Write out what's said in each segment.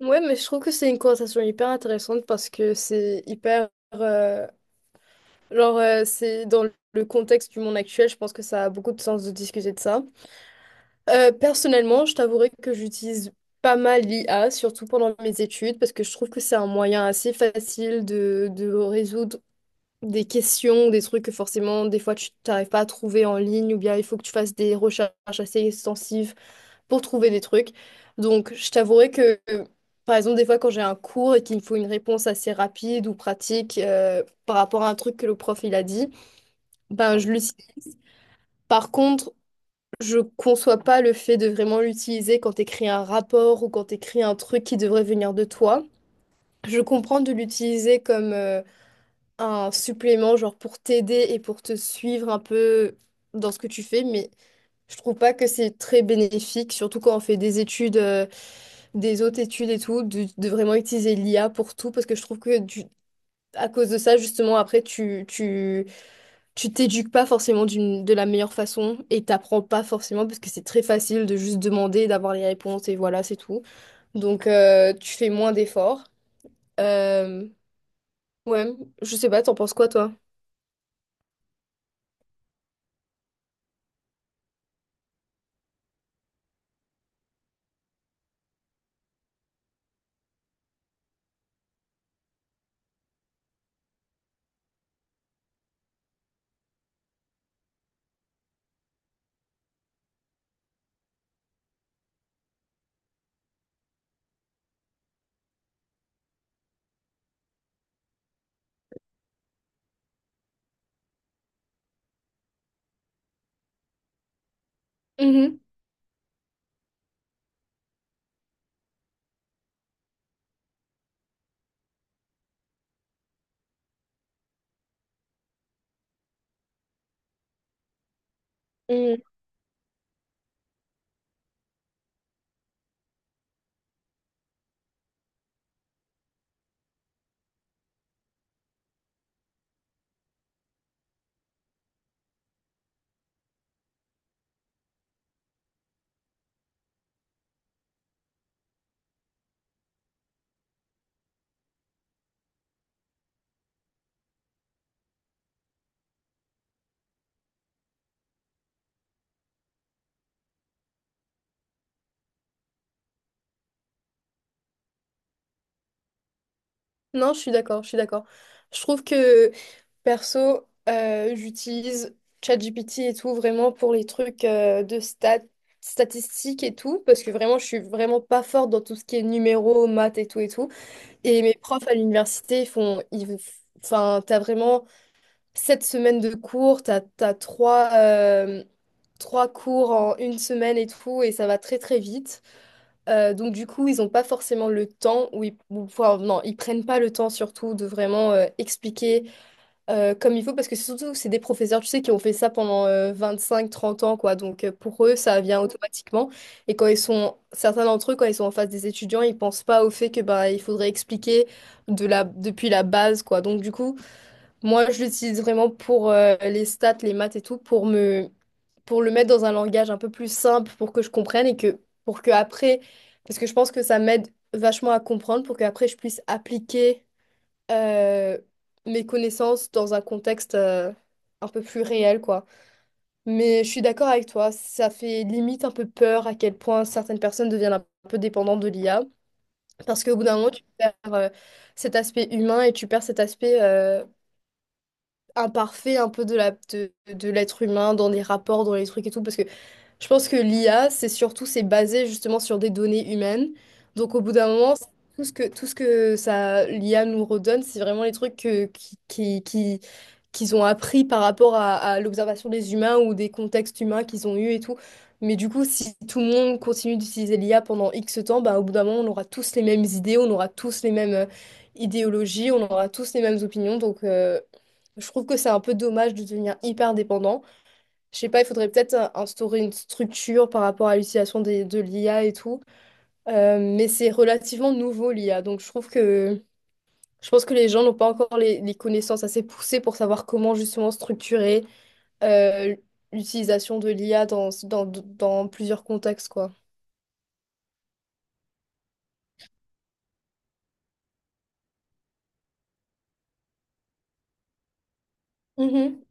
Ouais, mais je trouve que c'est une conversation hyper intéressante parce que c'est hyper... euh, genre, c'est dans le contexte du monde actuel, je pense que ça a beaucoup de sens de discuter de ça. Personnellement, je t'avouerai que j'utilise pas mal l'IA, surtout pendant mes études, parce que je trouve que c'est un moyen assez facile de résoudre des questions, des trucs que forcément, des fois, tu t'arrives pas à trouver en ligne, ou bien il faut que tu fasses des recherches assez extensives pour trouver des trucs. Donc, je t'avouerai que, par exemple, des fois, quand j'ai un cours et qu'il me faut une réponse assez rapide ou pratique par rapport à un truc que le prof il a dit, ben, je l'utilise. Par contre, je conçois pas le fait de vraiment l'utiliser quand tu écris un rapport ou quand tu écris un truc qui devrait venir de toi. Je comprends de l'utiliser comme un supplément, genre pour t'aider et pour te suivre un peu dans ce que tu fais, mais je trouve pas que c'est très bénéfique, surtout quand on fait des études, des autres études et tout, de vraiment utiliser l'IA pour tout, parce que je trouve que à cause de ça, justement, après, tu t'éduques pas forcément de la meilleure façon et t'apprends pas forcément, parce que c'est très facile de juste demander, d'avoir les réponses et voilà, c'est tout. Donc, tu fais moins d'efforts. Euh, ouais, je sais pas, t'en penses quoi, toi? Mhm. Mhm. Non, je suis d'accord, je suis d'accord. Je trouve que perso, j'utilise ChatGPT et tout vraiment pour les trucs de statistiques et tout, parce que vraiment, je suis vraiment pas forte dans tout ce qui est numéros, maths et tout et tout. Et mes profs à l'université, enfin, t'as vraiment 7 semaines de cours, t'as trois cours en une semaine et tout, et ça va très très vite. Donc du coup, ils n'ont pas forcément le temps, enfin, non, ils prennent pas le temps surtout de vraiment expliquer comme il faut, parce que c'est des professeurs, tu sais, qui ont fait ça pendant cinq 30 ans, quoi. Donc pour eux, ça vient automatiquement. Et certains d'entre eux, quand ils sont en face des étudiants, ils pensent pas au fait que bah, il faudrait expliquer depuis la base, quoi. Donc du coup, moi, je l'utilise vraiment pour les stats, les maths et tout, pour le mettre dans un langage un peu plus simple pour que je comprenne et que pour que après, parce que je pense que ça m'aide vachement à comprendre pour que après je puisse appliquer euh, mes connaissances dans un contexte un peu plus réel, quoi. Mais je suis d'accord avec toi, ça fait limite un peu peur à quel point certaines personnes deviennent un peu dépendantes de l'IA, parce qu'au bout d'un moment, tu perds cet aspect humain et tu perds cet aspect imparfait un peu de l'être humain dans des rapports, dans les trucs et tout, parce que je pense que l'IA, c'est basé justement sur des données humaines. Donc au bout d'un moment, tout ce que ça, l'IA nous redonne, c'est vraiment les trucs que, qui- qu'ils ont appris par rapport à l'observation des humains ou des contextes humains qu'ils ont eus et tout. Mais du coup, si tout le monde continue d'utiliser l'IA pendant X temps, bah, au bout d'un moment, on aura tous les mêmes idées, on aura tous les mêmes idéologies, on aura tous les mêmes opinions. Donc, je trouve que c'est un peu dommage de devenir hyper dépendant. Je sais pas, il faudrait peut-être instaurer une structure par rapport à l'utilisation de l'IA et tout. Mais c'est relativement nouveau l'IA. Donc je pense que les gens n'ont pas encore les connaissances assez poussées pour savoir comment justement structurer euh, l'utilisation de l'IA dans plusieurs contextes, quoi. Mhm.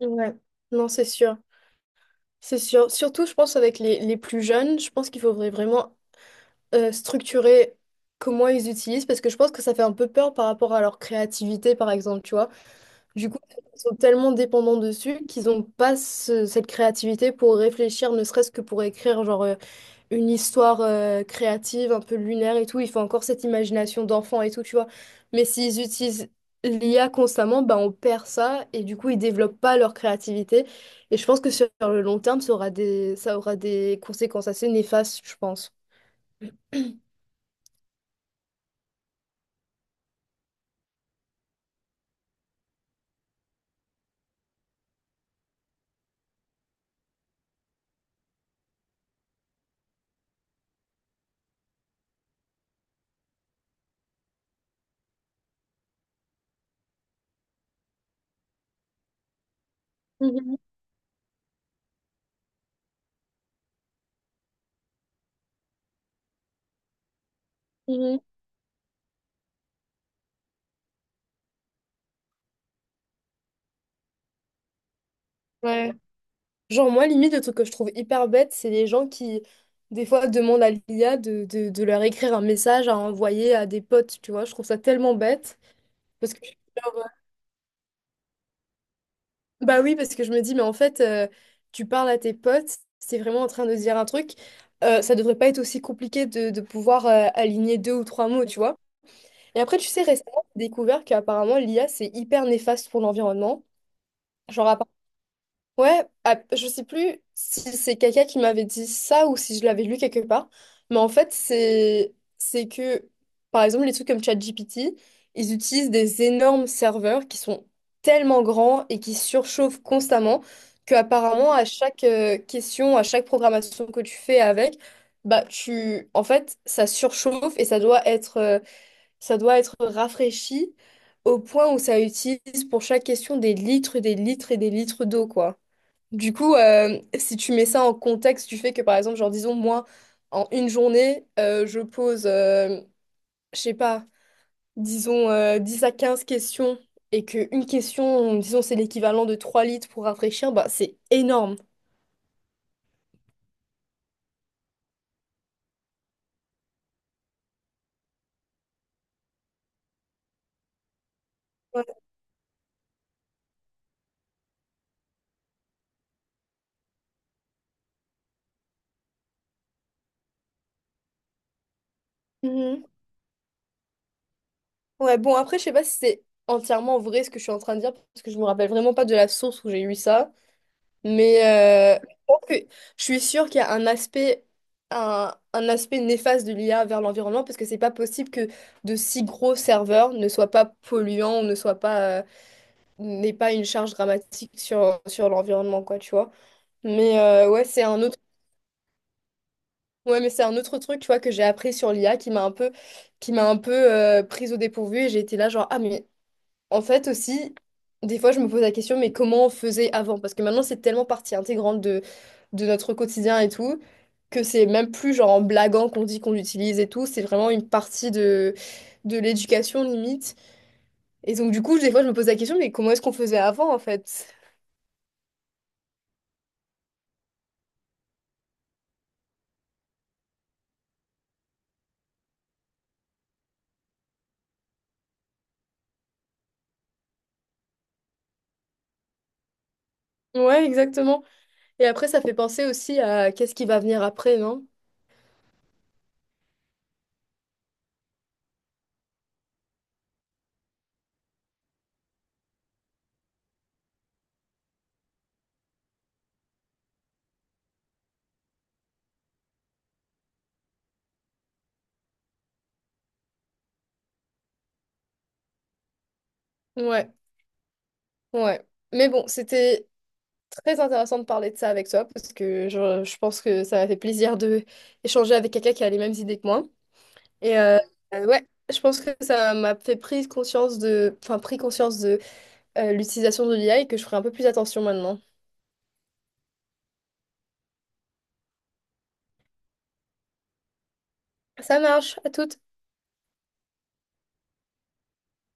Ouais, non, c'est sûr. C'est sûr. Surtout, je pense, avec les plus jeunes, je pense qu'il faudrait vraiment structurer comment ils utilisent parce que je pense que ça fait un peu peur par rapport à leur créativité, par exemple, tu vois. Du coup, ils sont tellement dépendants dessus qu'ils n'ont pas cette créativité pour réfléchir, ne serait-ce que pour écrire genre une histoire créative, un peu lunaire et tout. Il faut encore cette imagination d'enfant et tout, tu vois. Mais s'ils utilisent l'IA constamment, bah, on perd ça et du coup, ils développent pas leur créativité. Et je pense que sur le long terme, ça aura des conséquences assez néfastes, je pense. Mhm, mhm. Ouais. Genre, moi, limite, le truc que je trouve hyper bête, c'est les gens qui, des fois, demandent à l'IA de leur écrire un message à envoyer à des potes, tu vois. Je trouve ça tellement bête. Parce que, genre, bah oui, parce que je me dis, mais en fait, tu parles à tes potes, c'est vraiment en train de dire un truc. Ça devrait pas être aussi compliqué de pouvoir aligner deux ou trois mots, tu vois. Et après, tu sais, récemment, j'ai découvert qu'apparemment, l'IA, c'est hyper néfaste pour l'environnement. Genre, ouais, ah, je sais plus si c'est quelqu'un qui m'avait dit ça ou si je l'avais lu quelque part, mais en fait, c'est que, par exemple, les trucs comme ChatGPT, ils utilisent des énormes serveurs qui sont tellement grands et qui surchauffent constamment que apparemment à chaque question, à chaque programmation que tu fais avec, bah en fait, ça surchauffe et ça doit être rafraîchi au point où ça utilise pour chaque question des litres et des litres d'eau, quoi. Du coup, si tu mets ça en contexte du fait que, par exemple, genre, disons, moi, en une journée, je pose, je sais pas, disons, 10 à 15 questions et qu'une question, disons, c'est l'équivalent de 3 litres pour rafraîchir, bah, c'est énorme. Ouais. Mhm. Ouais, bon, après, je sais pas si c'est entièrement vrai ce que je suis en train de dire parce que je me rappelle vraiment pas de la source où j'ai eu ça. Mais je suis sûre qu'il y a un aspect néfaste de l'IA vers l'environnement parce que c'est pas possible que de si gros serveurs ne soient pas polluants ou ne soient pas, n'aient pas une charge dramatique sur l'environnement, quoi, tu vois. Mais ouais, c'est un autre, ouais, mais c'est un autre truc, tu vois, que j'ai appris sur l'IA qui m'a un peu prise au dépourvu et j'ai été là, genre, ah, mais en fait aussi, des fois je me pose la question, mais comment on faisait avant? Parce que maintenant c'est tellement partie intégrante de notre quotidien et tout, que c'est même plus genre en blaguant qu'on dit qu'on l'utilise et tout, c'est vraiment une partie de l'éducation limite. Et donc du coup, des fois je me pose la question, mais comment est-ce qu'on faisait avant en fait? Ouais, exactement. Et après ça fait penser aussi à qu'est-ce qui va venir après, non? Ouais, ouais. Mais bon, c'était très intéressant de parler de ça avec toi parce que je pense que ça m'a fait plaisir de échanger avec quelqu'un qui a les mêmes idées que moi. Et ouais, je pense que ça m'a fait prise conscience de, enfin, pris conscience de l'utilisation de l'IA et que je ferai un peu plus attention maintenant. Ça marche, à toutes.